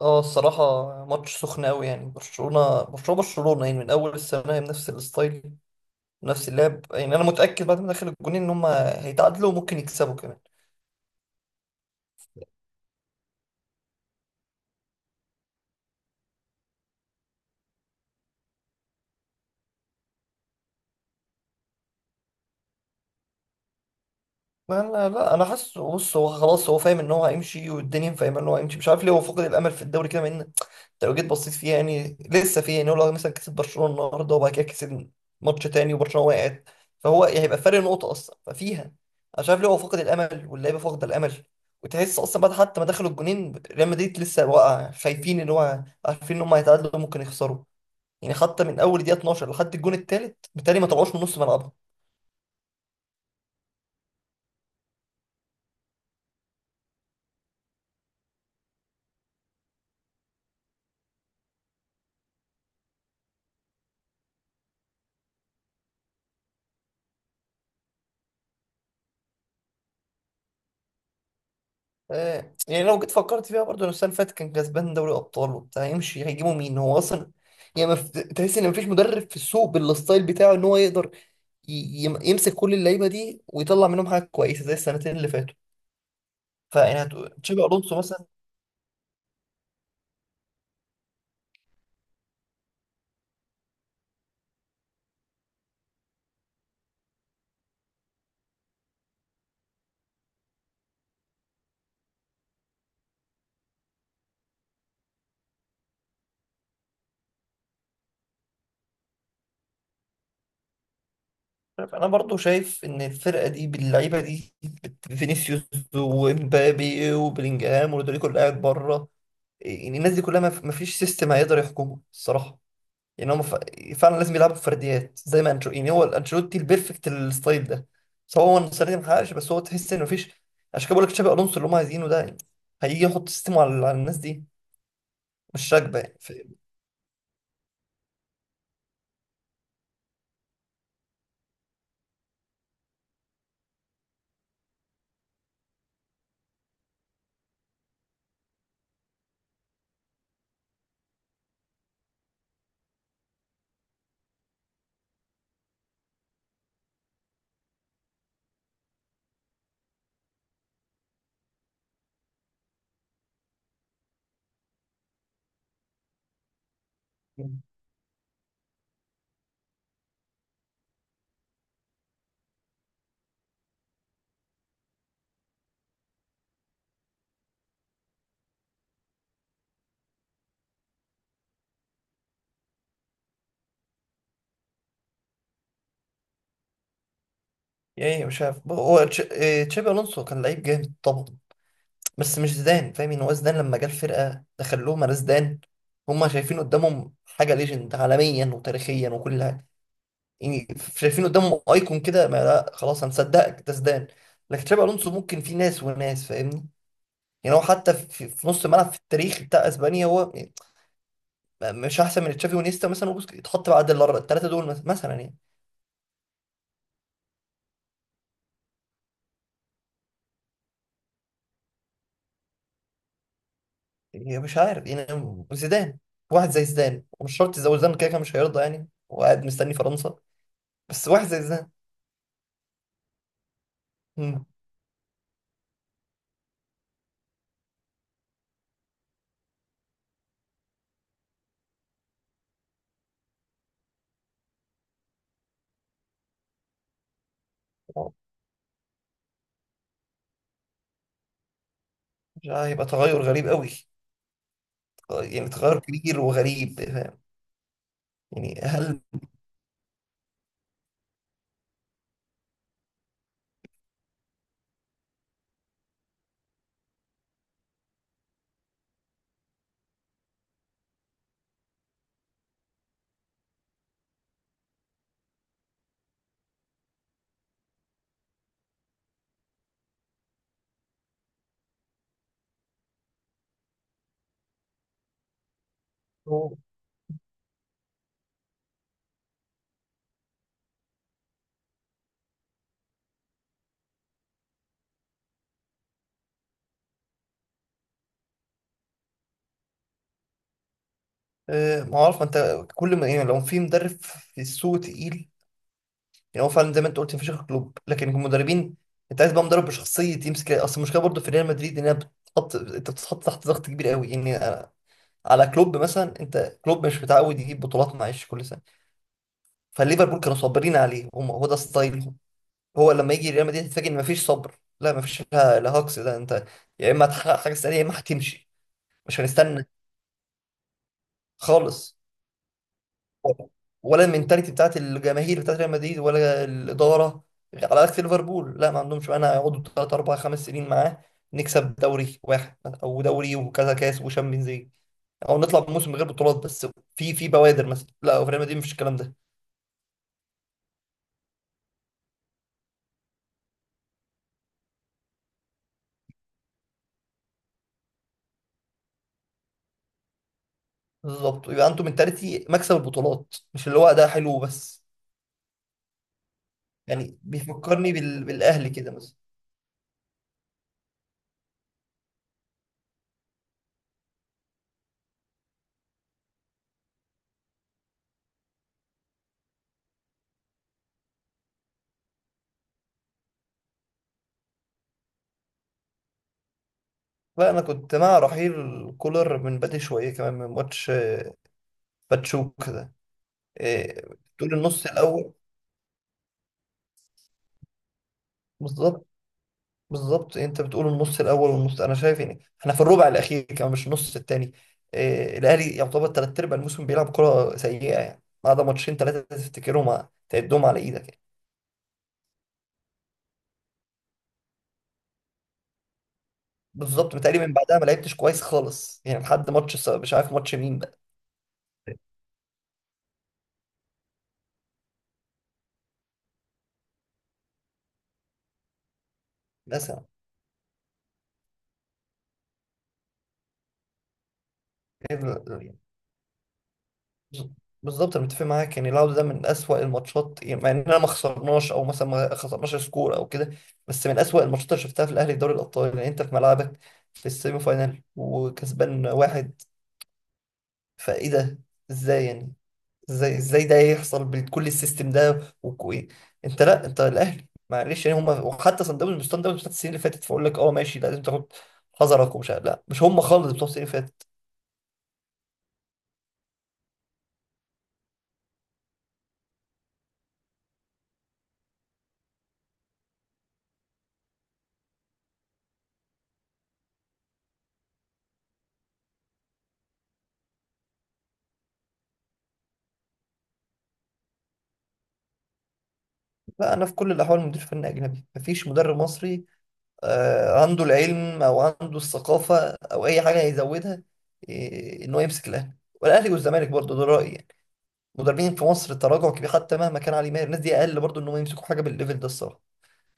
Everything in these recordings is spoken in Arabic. اه الصراحة ماتش سخن أوي، يعني برشلونة يعني من أول السنة هي بنفس الستايل، نفس اللعب. يعني أنا متأكد بعد ما دخل الجونين إن هما هيتعادلوا وممكن يكسبوا كمان. ما انا لا انا حاسس، بص، هو خلاص هو فاهم ان هو هيمشي، والدنيا فاهمه ان هو هيمشي. مش عارف ليه هو فقد الامل في الدوري كده، مع ان انت لو جيت بصيت فيها يعني لسه فيه. يعني هو لو مثلا كسب برشلونه النهارده وبعد كده كسب ماتش تاني وبرشلونه وقعت، فهو يعني هيبقى فرق نقطه اصلا ففيها. انا شايف ليه هو فقد الامل واللعيبه فاقده الامل، وتحس اصلا بعد حتى ما دخلوا الجونين ريال مدريد لسه واقع، خايفين ان هو عارفين ان هم هيتعادلوا ممكن يخسروا. يعني حتى من اول دقيقه 12 لحد الجون الثالث بالتالي ما طلعوش من نص ملعبهم. يعني لو جيت فكرت فيها برضه، لو السنه اللي فاتت كان كسبان دوري ابطال وبتاع يمشي، هيجيبوا مين هو اصلا؟ يعني تحس ان مفيش مدرب في السوق بالستايل بتاعه ان هو يقدر ي... يمسك كل اللعيبه دي ويطلع منهم حاجه كويسه زي السنتين اللي فاتوا. فيعني تشابي الونسو مثلا. انا برضه شايف ان الفرقه دي باللعيبه دي، فينيسيوس ومبابي وبلينجهام ورودريجو اللي قاعد بره، يعني الناس دي كلها مفيش سيستم هيقدر يحكمه الصراحه. يعني فعلا لازم يلعبوا بفرديات زي ما انشو، يعني هو انشيلوتي البيرفكت الستايل ده، بس هو السنه دي محققش. بس هو تحس انه مفيش، عشان كده بقول لك تشابي الونسو اللي هم عايزينه ده، يعني هيجي يحط سيستم على... على الناس دي مش راكبه. يعني مش عارف هو تش... إيه، تشابي الونسو كان لعيب جامد طبعا، بس مش زيدان فاهم؟ يعني هو زيدان لما جه الفرقه دخل لهم على زيدان، هم شايفين قدامهم حاجه ليجند عالميا وتاريخيا وكل حاجه. يعني شايفين قدامهم ايكون كده، ما لا خلاص هنصدقك ده زيدان. لكن تشابي الونسو ممكن، في ناس وناس فاهمني؟ يعني هو حتى في نص الملعب في التاريخ بتاع اسبانيا هو يعني مش احسن من تشافي ونيستا مثلا، وبوسكيتس يتحط بعد الثلاثه دول مثلا يعني. يعني مش عارف يعني، زيدان، واحد زي زيدان، ومش شرط زي زيدان كده كده مش هيرضى يعني وقاعد مستني فرنسا، بس واحد زي زيدان. مم. مش عارف، هيبقى تغير غريب قوي، يعني تغير كبير وغريب فاهم. يعني هل ما عارف، ما انت كل ما يعني لو في مدرب في السوق تقيل، يعني هو فعلا زي ما انت قلت مفيش غير كلوب. لكن المدربين، انت عايز بقى مدرب بشخصيه يمسك. اصل المشكله برضه في ريال مدريد انها بتحط، انت بتتحط تحت ضغط كبير قوي. على كلوب مثلا، انت كلوب مش متعود يجيب بطولات، معلش كل سنه فليفربول كانوا صابرين عليه، هم هو ده ستايلهم. هو لما يجي ريال مدريد تتفاجئ ان مفيش صبر، لا مفيش، لا لا هاكس ده انت، يا اما هتحقق حاجه سريعه يا اما هتمشي. مش هنستنى خالص. ولا المنتاليتي بتاعت الجماهير بتاعت ريال مدريد ولا الاداره، على عكس ليفربول، لا ما عندهمش. انا هيقعدوا 3 4 5 سنين معاه، نكسب دوري واحد او دوري وكذا كاس وشامبيونز ليج، او نطلع بموسم من غير بطولات، بس في في بوادر مثلا. لا في ريال مدريد مفيش الكلام ده. بالظبط، يبقى انتوا منتاليتي مكسب البطولات، مش اللي هو ده حلو بس. يعني بيفكرني بالاهلي كده مثلا. فانا كنت مع رحيل كولر من بدري شويه، كمان من ماتش باتشوك ده. آه، طول النص الاول. بالظبط بالظبط، انت بتقول النص الاول والنص، انا شايف يعني احنا في الربع الاخير كمان مش النص الثاني. إيه، الاهلي يعتبر ثلاث ارباع الموسم بيلعب كره سيئه، يعني ما عدا ماتشين ثلاثه تفتكرهم تعدهم على ايدك يعني. بالظبط، متهيألي من بعدها ما لعبتش كويس خالص، يعني لحد ماتش مش عارف ماتش مين بقى، مثلا. بز- بالظبط انا متفق معاك. يعني العوده ده من اسوأ الماتشات، يعني مع اننا ما خسرناش او مثلا ما خسرناش سكور او كده، بس من اسوأ الماتشات اللي شفتها في الاهلي في دوري الابطال. يعني انت في ملعبك في السيمي فاينال وكسبان واحد، فايه ده؟ ازاي يعني؟ ازاي ده يحصل بكل السيستم ده وكوي؟ انت، لا انت الاهلي معلش يعني، هم وحتى صن داونز، وصن داونز بتاعت السنين اللي فاتت فاقول لك اه ماشي، لا لازم تاخد حذرك ومش لا مش هم خالص بتوع السنين اللي فاتت. لا انا في كل الاحوال مدير فني اجنبي، مفيش مدرب مصري عنده العلم او عنده الثقافه او اي حاجه هيزودها ان هو يمسك الاهلي، والاهلي والزمالك برضه، ده رايي يعني. مدربين في مصر التراجع كبير، حتى مهما كان علي ماهر الناس دي اقل، برضه ان هم يمسكوا حاجه بالليفل ده الصراحه،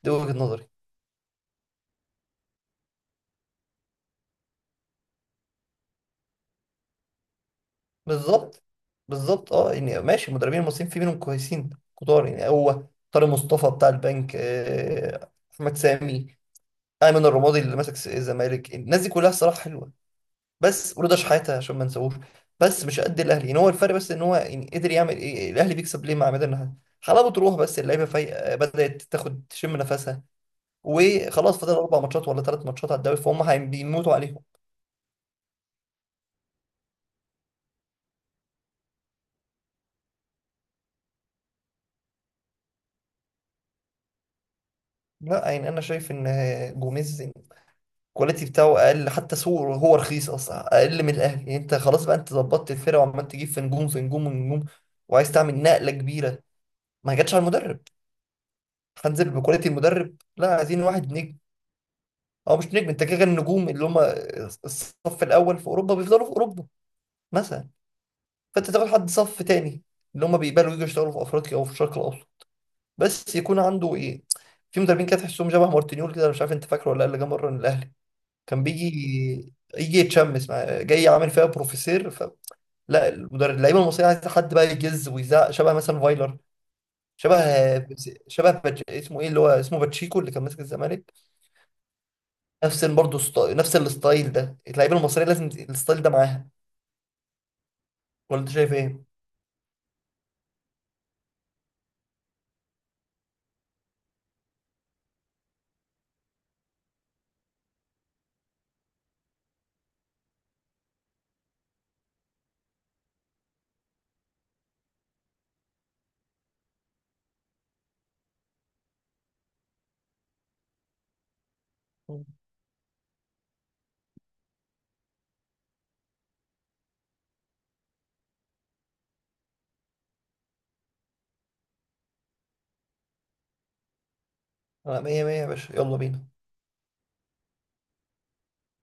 دي وجهه نظري. بالظبط بالظبط. اه يعني ماشي، المدربين المصريين في منهم كويسين كتار، يعني هو طارق مصطفى بتاع البنك، احمد سامي، ايمن الرمادي اللي ماسك الزمالك، الناس دي كلها الصراحه حلوه، بس ورضا شحاته عشان ما نسووش، بس مش قد الاهلي. يعني هو الفرق بس ان هو، يعني قدر يعمل ايه، الاهلي بيكسب ليه مع عماد النحاس؟ حلاوه روح، بس اللعيبه فايقه بدات تاخد تشم نفسها، وخلاص فاضل اربع ماتشات ولا ثلاث ماتشات على الدوري فهم بيموتوا عليهم. لا يعني انا شايف ان جوميز الكواليتي بتاعه اقل، حتى سوق هو رخيص اصلا اقل من الاهلي. يعني انت خلاص بقى، انت ظبطت الفرقه وعمال تجيب في نجوم في نجوم في نجوم وعايز تعمل نقله كبيره، ما جاتش على المدرب هنزل بكواليتي المدرب؟ لا عايزين واحد نجم، او مش نجم، انت كده كده النجوم اللي هم الصف الاول في اوروبا بيفضلوا في اوروبا مثلا، فانت تاخد حد صف تاني اللي هم بيقبلوا يجوا يشتغلوا في افريقيا او في الشرق الاوسط، بس يكون عنده ايه. في مدربين كده تحسهم شبه مارتينيول كده، أنا مش عارف انت فاكره ولا لا، اللي جه مره الاهلي. كان بيجي يجي يتشمس مع جاي عامل فيها بروفيسور. ف لا المدرب، اللعيبه المصريه عايزه حد بقى يجز ويزعق، شبه مثلا فايلر، شبه، شبه اسمه ايه، اللي هو اسمه باتشيكو اللي كان ماسك الزمالك. نفس برضه نفس الستايل ده اللعيبه المصريه لازم الستايل ده معاها. ولا انت شايف ايه؟ مم. لا مية مية يا باشا، يلا بينا.